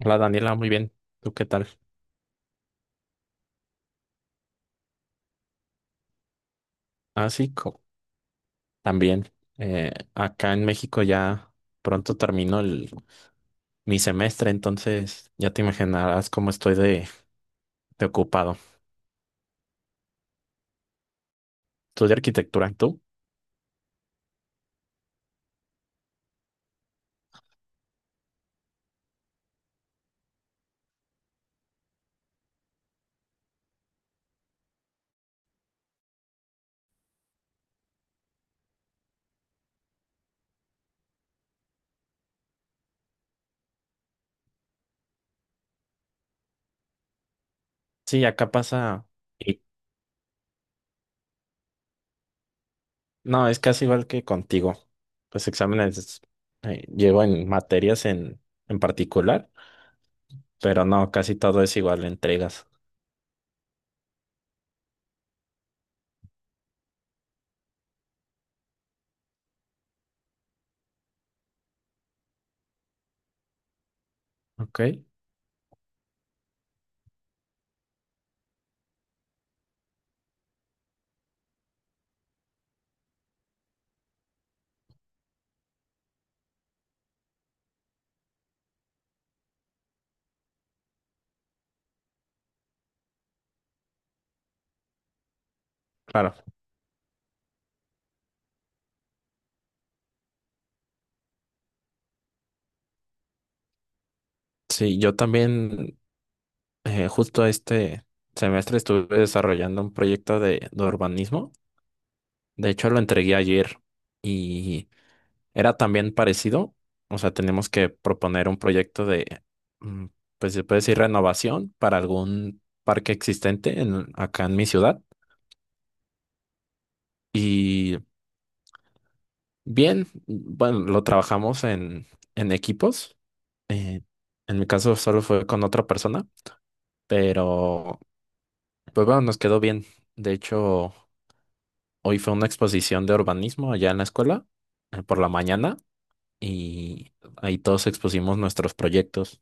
Hola Daniela, muy bien. ¿Tú qué tal? Ah, sí, también. Acá en México ya pronto termino mi semestre, entonces ya te imaginarás cómo estoy de ocupado. Estudio arquitectura, ¿tú? Sí, acá pasa. y- no, es casi igual que contigo. Los exámenes llevo en materias en particular, pero no, casi todo es igual, entregas. Ok, claro. Sí, yo también, justo este semestre estuve desarrollando un proyecto de urbanismo. De hecho, lo entregué ayer y era también parecido. O sea, tenemos que proponer un proyecto de, mm, pues se puede decir, renovación para algún parque existente acá en mi ciudad. Y bien, bueno, lo trabajamos en equipos. eh, en mi caso solo fue con otra persona, pero pues bueno, nos quedó bien. De hecho, hoy fue una exposición de urbanismo allá en la escuela, por la mañana, y ahí todos expusimos nuestros proyectos.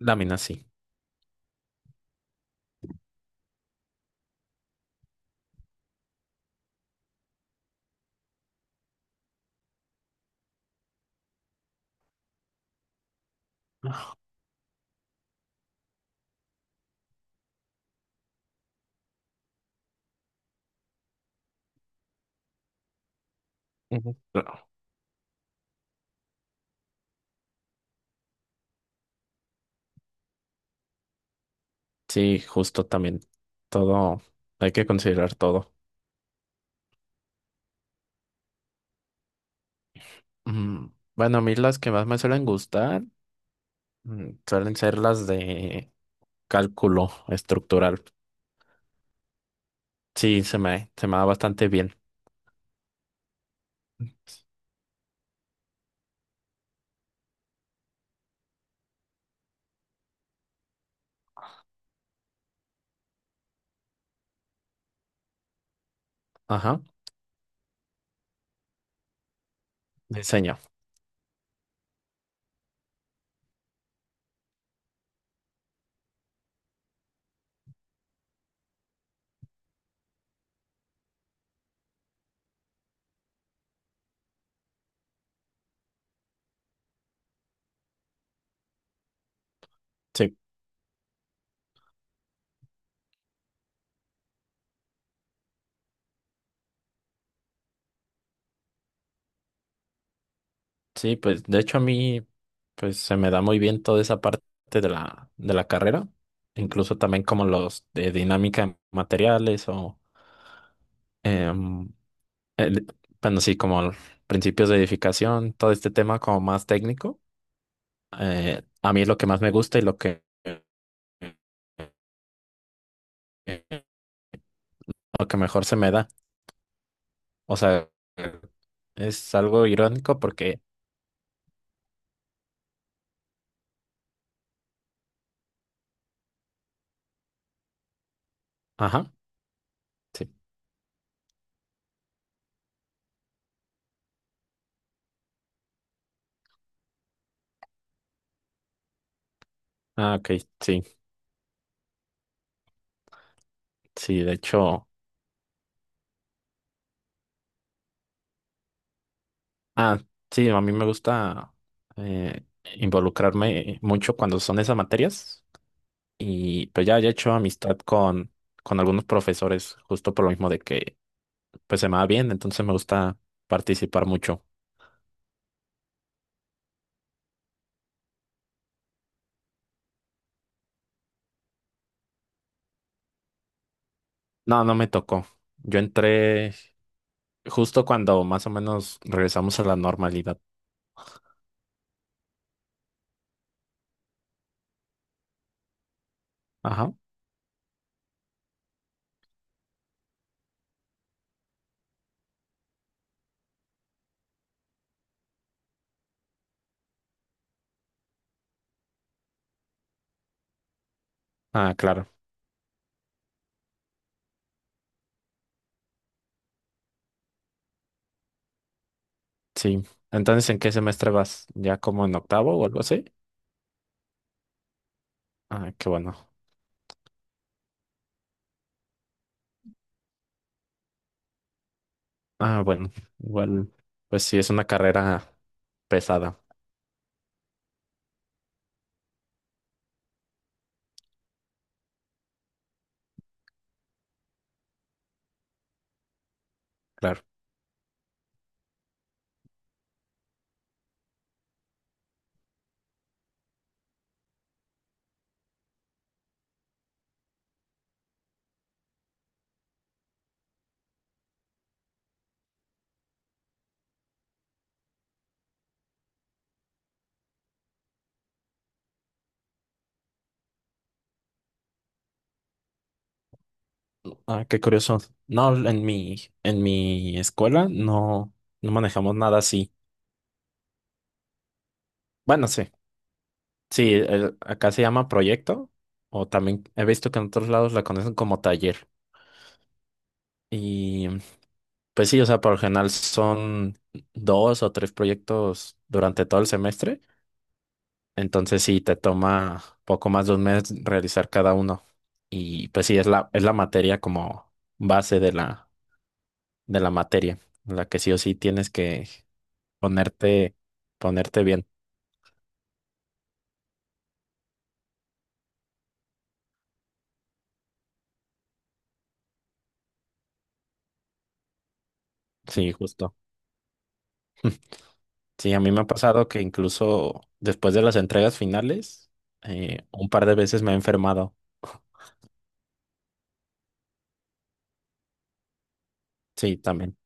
Láminas, sí. Ujú. Claro. Sí, justo también. Todo, hay que considerar todo. Mm, Bueno, a mí las que más me suelen gustar suelen ser las de cálculo estructural. Sí, se me da bastante bien. Ajá, diseño. Sí. Sí, pues de hecho a mí pues se me da muy bien toda esa parte de la carrera, incluso también como los de dinámica de materiales o, em, el- bueno, sí, como principios de edificación, todo este tema como más técnico. A mí es lo que más me gusta y lo que mejor se me da. O sea, es algo irónico porque, ajá, sí, ah, ok, sí, sí, de hecho. Ah, sí, a mí me gusta, eh, involucrarme mucho cuando son esas materias y pues ya, ya he hecho amistad con algunos profesores justo por lo mismo de que pues se me va bien, entonces me gusta participar mucho. No, no me tocó. Yo entré justo cuando más o menos regresamos a la normalidad. Ajá. Ah, claro, sí. Entonces, ¿en qué semestre vas? ¿Ya como en octavo o algo así? Ah, qué bueno. Ah, bueno, igual, pues sí, es una carrera pesada. Claro. Ah, qué curioso. No, en mi escuela no, no manejamos nada así. Bueno, sí. Sí, acá se llama proyecto, o también he visto que en otros lados la conocen como taller. Y pues sí, o sea, por lo general son dos o tres proyectos durante todo el semestre. Entonces sí, te toma poco más de un mes realizar cada uno. Y pues sí, es la materia como base de la materia, la que sí o sí tienes que ponerte, ponerte bien. Sí, justo. Sí, a mí me ha pasado que incluso después de las entregas finales, un par de veces me he enfermado. Sí, también.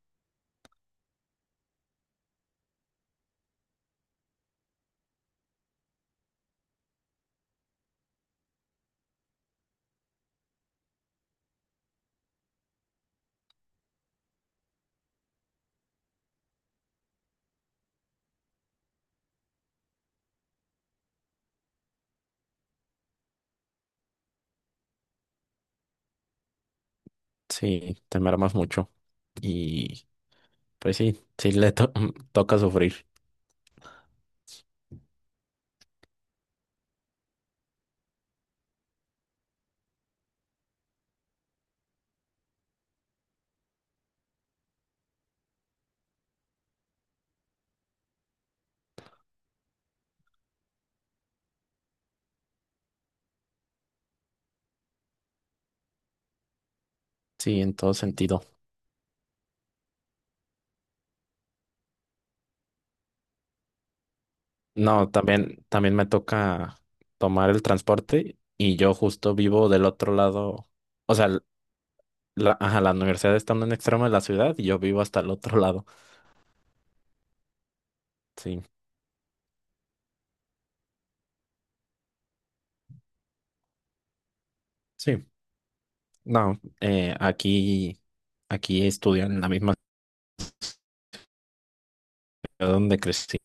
Sí, te mermas mucho. Y pues sí, sí toca sufrir. Sí, en todo sentido. No, también, también me toca tomar el transporte y yo justo vivo del otro lado. O sea, la, ajá, la universidad está en un extremo de la ciudad y yo vivo hasta el otro lado. Sí, sí. No, aquí estudian en la misma ciudad donde crecí.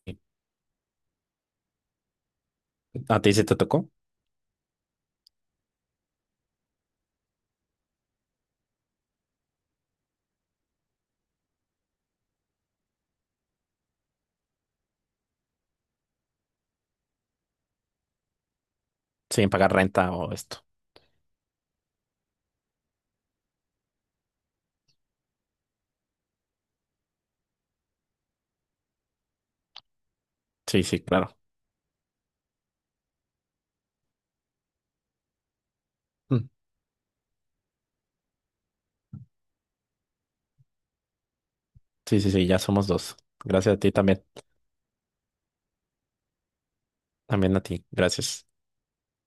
¿A ti sí te tocó? Sin pagar renta o esto. Sí, sí, claro. Mm. Sí, sí, sí, ya somos dos. Gracias a ti también. También a ti. Gracias.